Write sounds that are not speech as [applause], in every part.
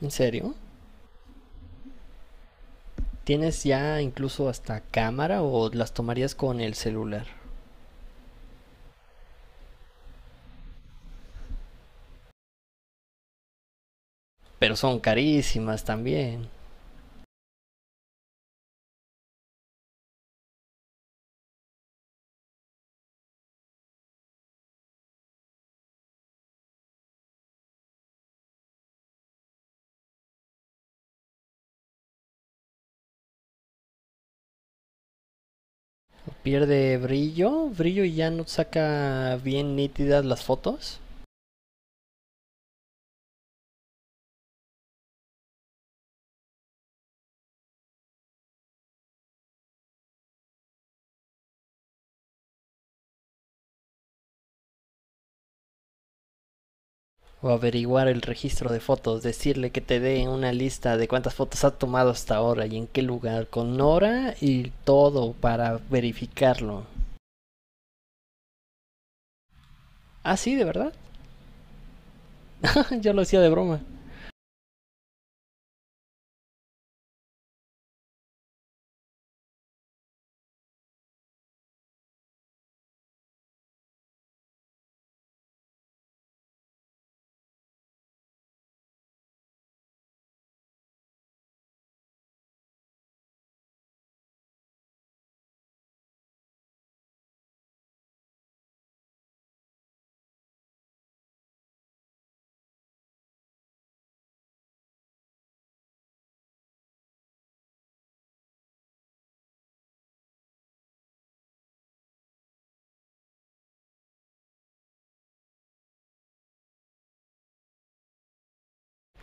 ¿En serio? ¿Tienes ya incluso hasta cámara o las tomarías con el celular? Pero son carísimas también. ¿Pierde brillo? ¿Brillo y ya no saca bien nítidas las fotos? O averiguar el registro de fotos, decirle que te dé una lista de cuántas fotos ha tomado hasta ahora y en qué lugar, con hora y todo para verificarlo. Ah, sí, de verdad. [laughs] Yo lo hacía de broma.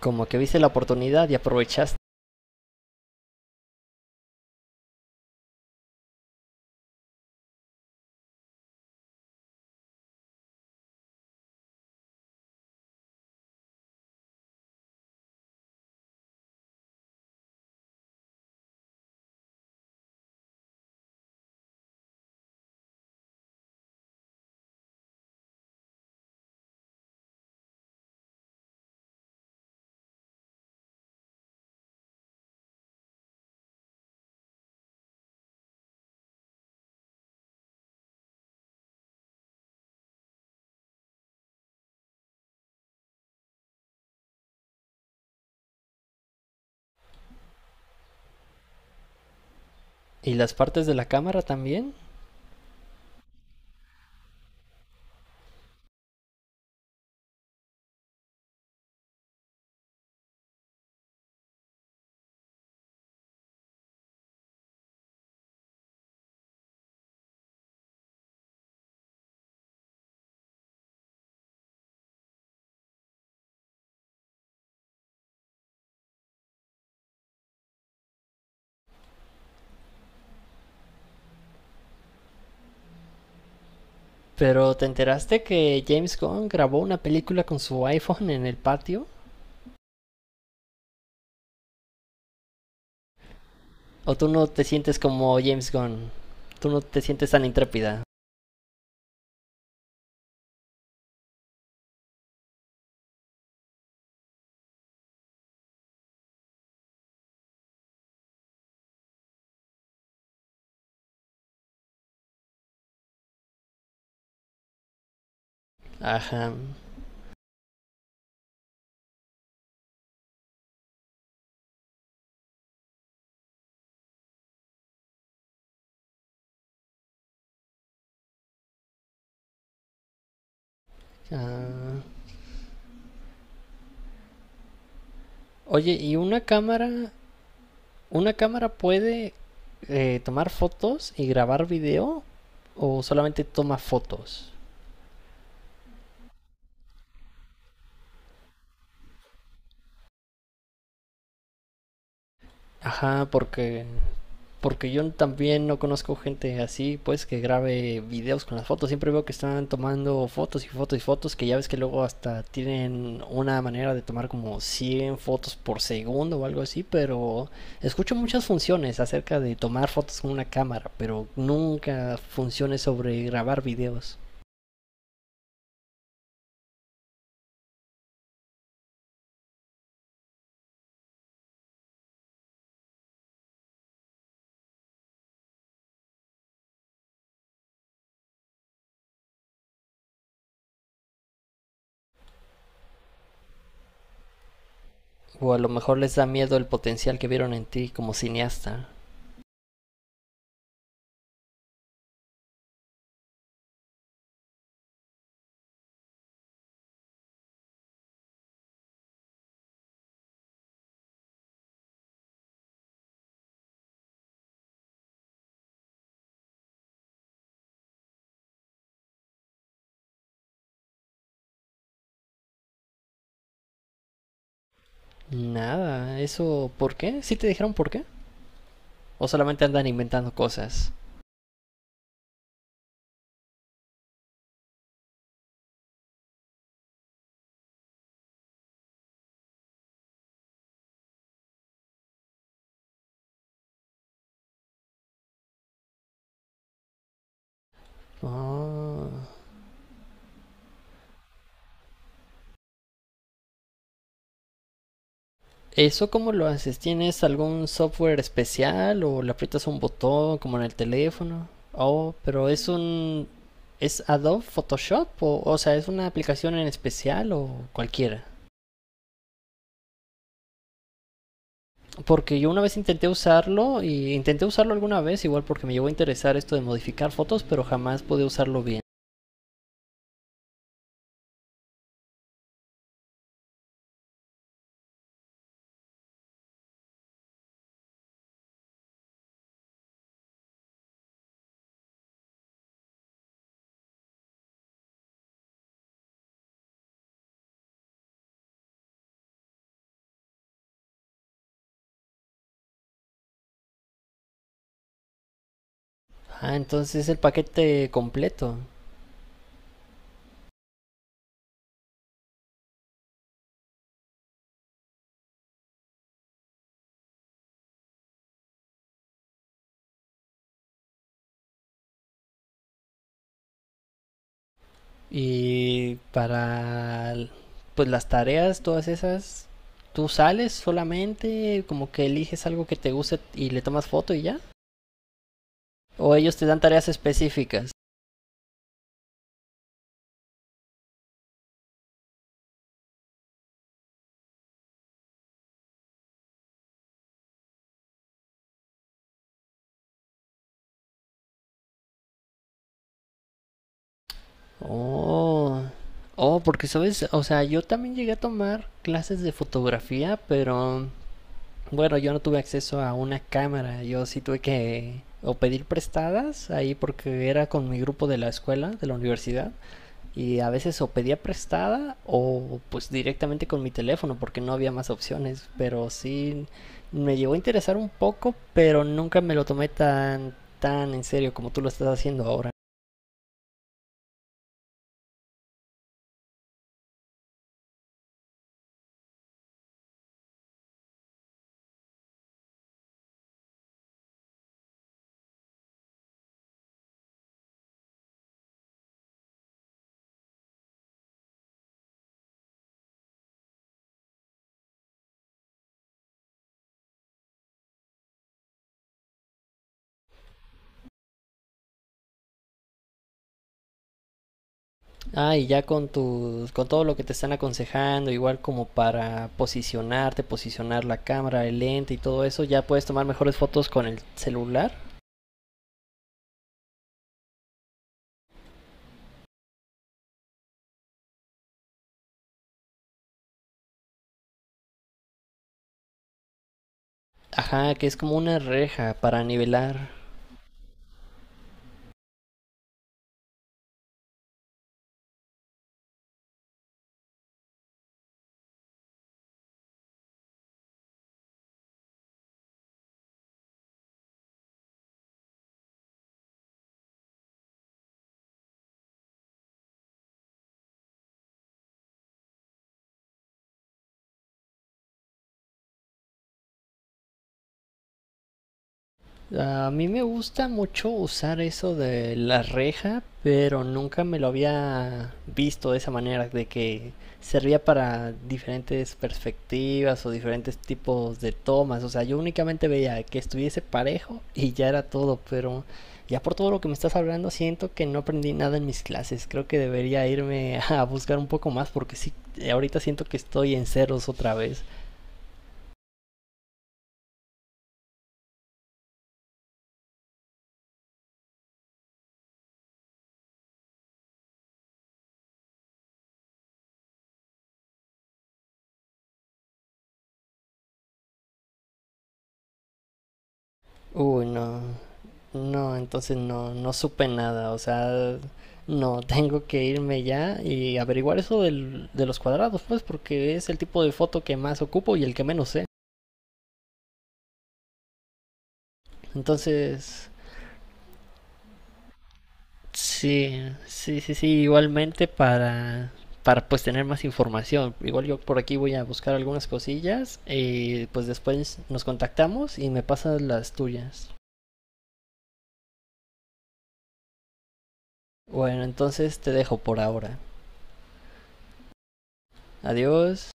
Como que viste la oportunidad y aprovechaste. ¿Y las partes de la cámara también? Pero ¿te enteraste que James Gunn grabó una película con su iPhone en el patio? ¿O tú no te sientes como James Gunn? ¿Tú no te sientes tan intrépida? Ajá. Ah. Oye, ¿y una cámara? ¿Una cámara puede tomar fotos y grabar video? ¿O solamente toma fotos? Ajá, porque porque yo también no conozco gente así, pues, que grabe videos con las fotos. Siempre veo que están tomando fotos y fotos y fotos, que ya ves que luego hasta tienen una manera de tomar como 100 fotos por segundo o algo así, pero escucho muchas funciones acerca de tomar fotos con una cámara, pero nunca funciones sobre grabar videos. O a lo mejor les da miedo el potencial que vieron en ti como cineasta. Nada, eso, ¿por qué? ¿Sí te dijeron por qué? ¿O solamente andan inventando cosas? Ah. ¿Eso cómo lo haces? ¿Tienes algún software especial o le aprietas un botón como en el teléfono? Oh, pero es un... ¿Es Adobe Photoshop? O sea, ¿es una aplicación en especial o cualquiera? Porque yo una vez intenté usarlo y intenté usarlo alguna vez igual porque me llegó a interesar esto de modificar fotos, pero jamás pude usarlo bien. Ah, entonces es el paquete completo. Y para pues las tareas, todas esas, tú sales solamente, como que eliges algo que te guste y le tomas foto y ya. O ellos te dan tareas específicas. Oh, oh, porque sabes, o sea, yo también llegué a tomar clases de fotografía, pero bueno, yo no tuve acceso a una cámara, yo sí tuve que o pedir prestadas ahí porque era con mi grupo de la escuela, de la universidad. Y a veces o pedía prestada o pues directamente con mi teléfono porque no había más opciones. Pero sí me llegó a interesar un poco, pero nunca me lo tomé tan, tan en serio como tú lo estás haciendo ahora. Ah, y ya con tus, con todo lo que te están aconsejando, igual como para posicionarte, posicionar la cámara, el lente y todo eso, ya puedes tomar mejores fotos con el celular. Ajá, que es como una reja para nivelar. A mí me gusta mucho usar eso de la reja, pero nunca me lo había visto de esa manera, de que servía para diferentes perspectivas o diferentes tipos de tomas. O sea, yo únicamente veía que estuviese parejo y ya era todo, pero ya por todo lo que me estás hablando siento que no aprendí nada en mis clases. Creo que debería irme a buscar un poco más porque sí, ahorita siento que estoy en ceros otra vez. Uy, no, no, entonces no, no supe nada, o sea, no, [laughs] tengo que irme ya y averiguar eso de los cuadrados, pues, porque es el tipo de foto que más ocupo y el que menos sé. Entonces, sí, sí, sí, sí, igualmente para pues tener más información. Igual yo por aquí voy a buscar algunas cosillas y pues después nos contactamos y me pasas las tuyas. Bueno, entonces te dejo por ahora. Adiós.